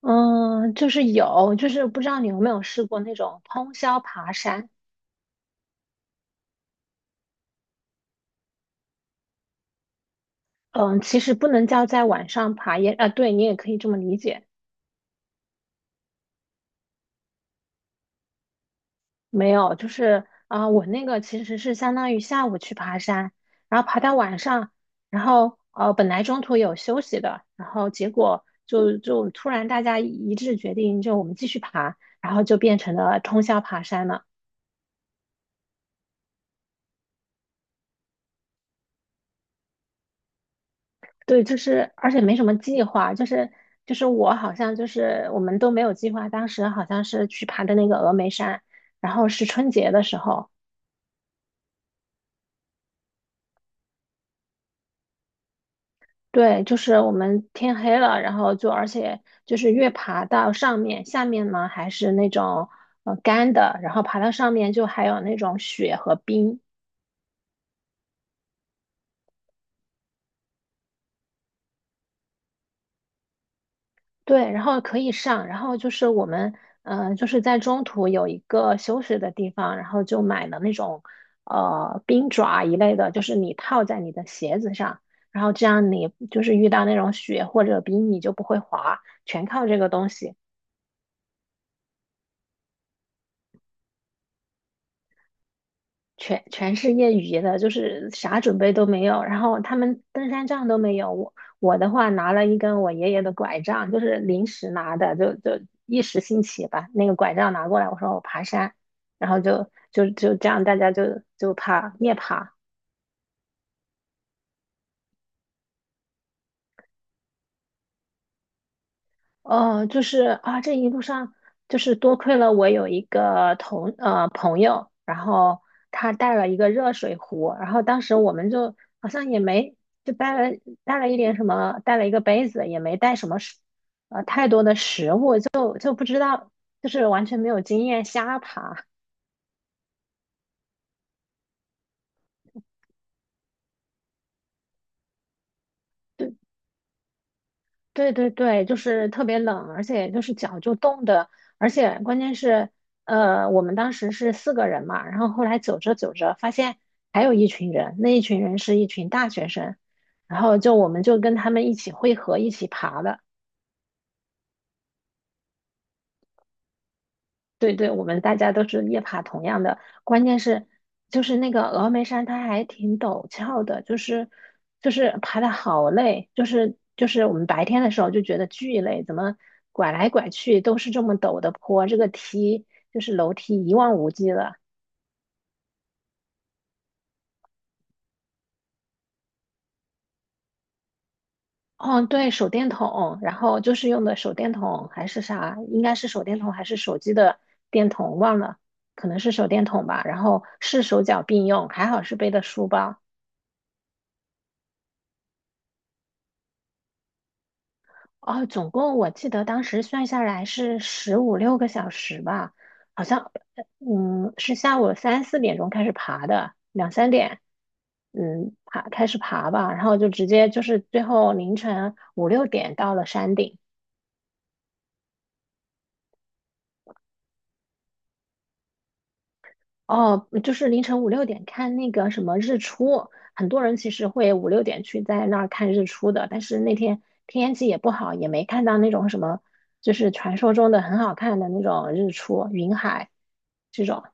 嗯，就是有，就是不知道你有没有试过那种通宵爬山。嗯，其实不能叫在晚上爬也，啊，对你也可以这么理解。没有，就是啊、我那个其实是相当于下午去爬山，然后爬到晚上，然后本来中途有休息的，然后结果就突然大家一致决定，就我们继续爬，然后就变成了通宵爬山了。对，就是而且没什么计划，就是我好像就是我们都没有计划，当时好像是去爬的那个峨眉山，然后是春节的时候，对，就是我们天黑了，然后就而且就是越爬到上面，下面呢还是那种干的，然后爬到上面就还有那种雪和冰。对，然后可以上，然后就是我们，嗯，就是在中途有一个休息的地方，然后就买了那种，冰爪一类的，就是你套在你的鞋子上，然后这样你就是遇到那种雪或者冰，你就不会滑，全靠这个东西。全是业余的，就是啥准备都没有。然后他们登山杖都没有，我的话拿了一根我爷爷的拐杖，就是临时拿的，就一时兴起把那个拐杖拿过来，我说我爬山，然后就这样，大家就爬夜爬。就是啊，这一路上就是多亏了我有一个朋友，然后他带了一个热水壶，然后当时我们就好像也没就带了一点什么，带了一个杯子，也没带什么太多的食物，就不知道，就是完全没有经验，瞎爬。对对对，就是特别冷，而且就是脚就冻的，而且关键是，我们当时是四个人嘛，然后后来走着走着发现还有一群人，那一群人是一群大学生，然后就我们就跟他们一起汇合，一起爬的。对对，我们大家都是夜爬同样的，关键是就是那个峨眉山，它还挺陡峭的，就是爬的好累，就是我们白天的时候就觉得巨累，怎么拐来拐去都是这么陡的坡，这个梯就是楼梯一望无际的，哦，对，手电筒，然后就是用的手电筒还是啥，应该是手电筒还是手机的电筒，忘了，可能是手电筒吧。然后是手脚并用，还好是背的书包。哦，总共我记得当时算下来是15、6个小时吧，好像，是下午3、4点钟开始爬的，2、3点，嗯，开始爬吧，然后就直接就是最后凌晨五六点到了山顶。哦，就是凌晨五六点看那个什么日出，很多人其实会五六点去在那儿看日出的，但是那天天气也不好，也没看到那种什么，就是传说中的很好看的那种日出，云海这种。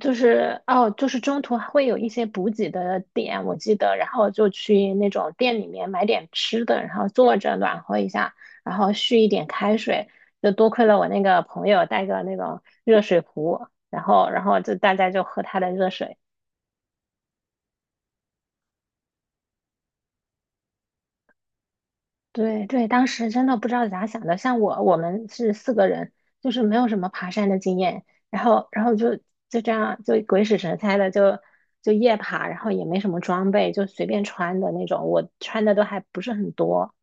就是哦，就是中途还会有一些补给的点，我记得，然后就去那种店里面买点吃的，然后坐着暖和一下，然后续一点开水。就多亏了我那个朋友带个那种热水壶，然后就大家就喝他的热水。对对，当时真的不知道咋想的。像我，我们是四个人，就是没有什么爬山的经验，然后，然后就这样，就鬼使神差的就夜爬，然后也没什么装备，就随便穿的那种。我穿的都还不是很多，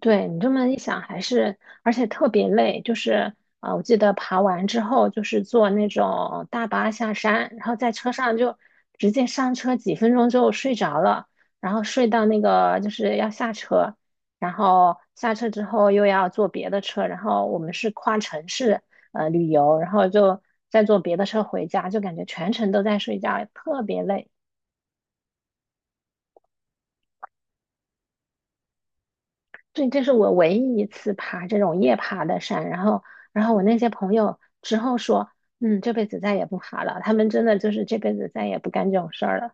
对你这么一想，还是而且特别累，就是啊，我记得爬完之后就是坐那种大巴下山，然后在车上就直接上车，几分钟就睡着了，然后睡到那个就是要下车，然后下车之后又要坐别的车，然后我们是跨城市旅游，然后就再坐别的车回家，就感觉全程都在睡觉，特别累。对，这是我唯一一次爬这种夜爬的山，然后，然后我那些朋友之后说，嗯，这辈子再也不爬了。他们真的就是这辈子再也不干这种事儿了。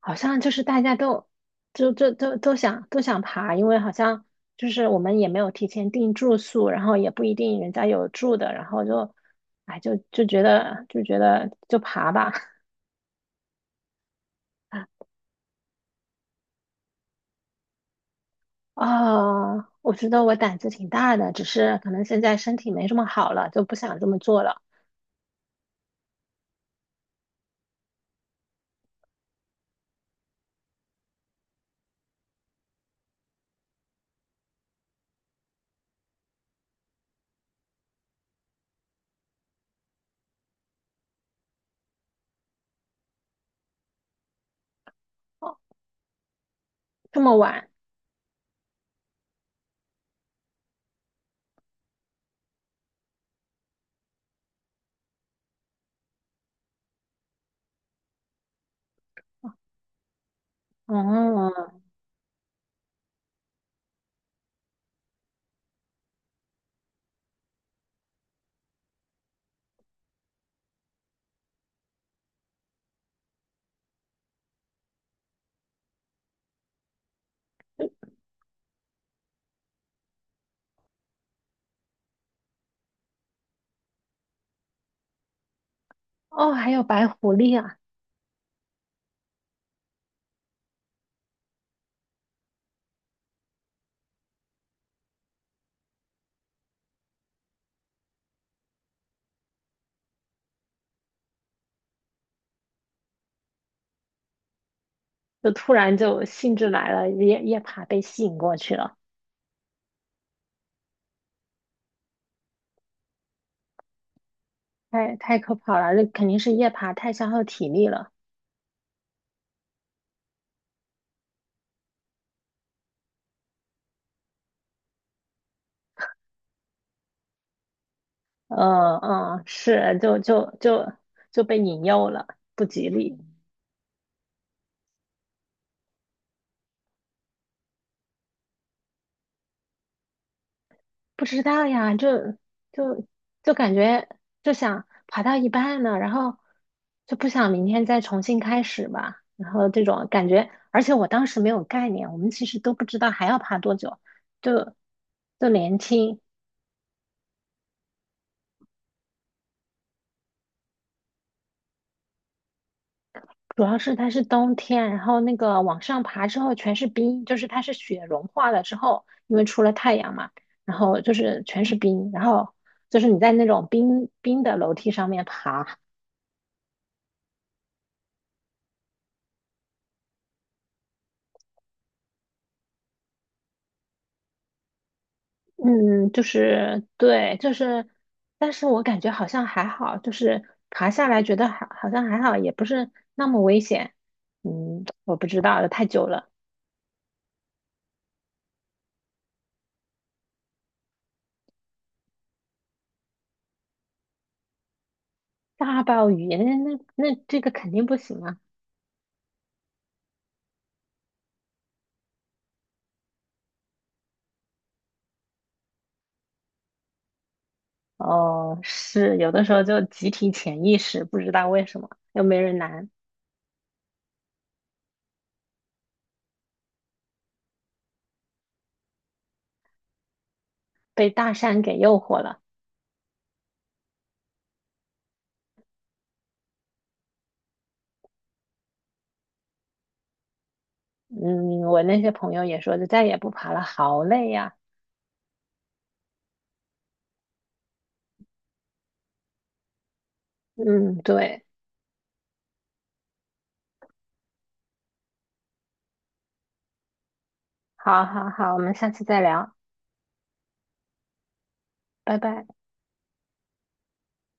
好像就是大家都，就就都都想都想爬，因为好像就是我们也没有提前订住宿，然后也不一定人家有住的，然后就，哎，就觉得就爬吧。啊，我觉得我胆子挺大的，只是可能现在身体没这么好了，就不想这么做了。哦，这么晚。哦哦，还有白狐狸啊！就突然就兴致来了，夜爬被吸引过去了，太可怕了，这肯定是夜爬太消耗体力了。嗯嗯，是，就被引诱了，不吉利。不知道呀，就就感觉就想爬到一半呢，然后就不想明天再重新开始吧，然后这种感觉，而且我当时没有概念，我们其实都不知道还要爬多久，就就年轻，主要是它是冬天，然后那个往上爬之后全是冰，就是它是雪融化了之后，因为出了太阳嘛，然后就是全是冰，然后就是你在那种冰冰的楼梯上面爬。嗯，就是对，就是，但是我感觉好像还好，就是爬下来觉得好，好像还好，也不是那么危险。嗯，我不知道了太久了。大暴雨，那这个肯定不行啊。哦，是，有的时候就集体潜意识，不知道为什么，又没人拦，被大山给诱惑了。嗯，我那些朋友也说，就再也不爬了，好累呀。嗯，对，好好好，我们下次再聊，拜拜。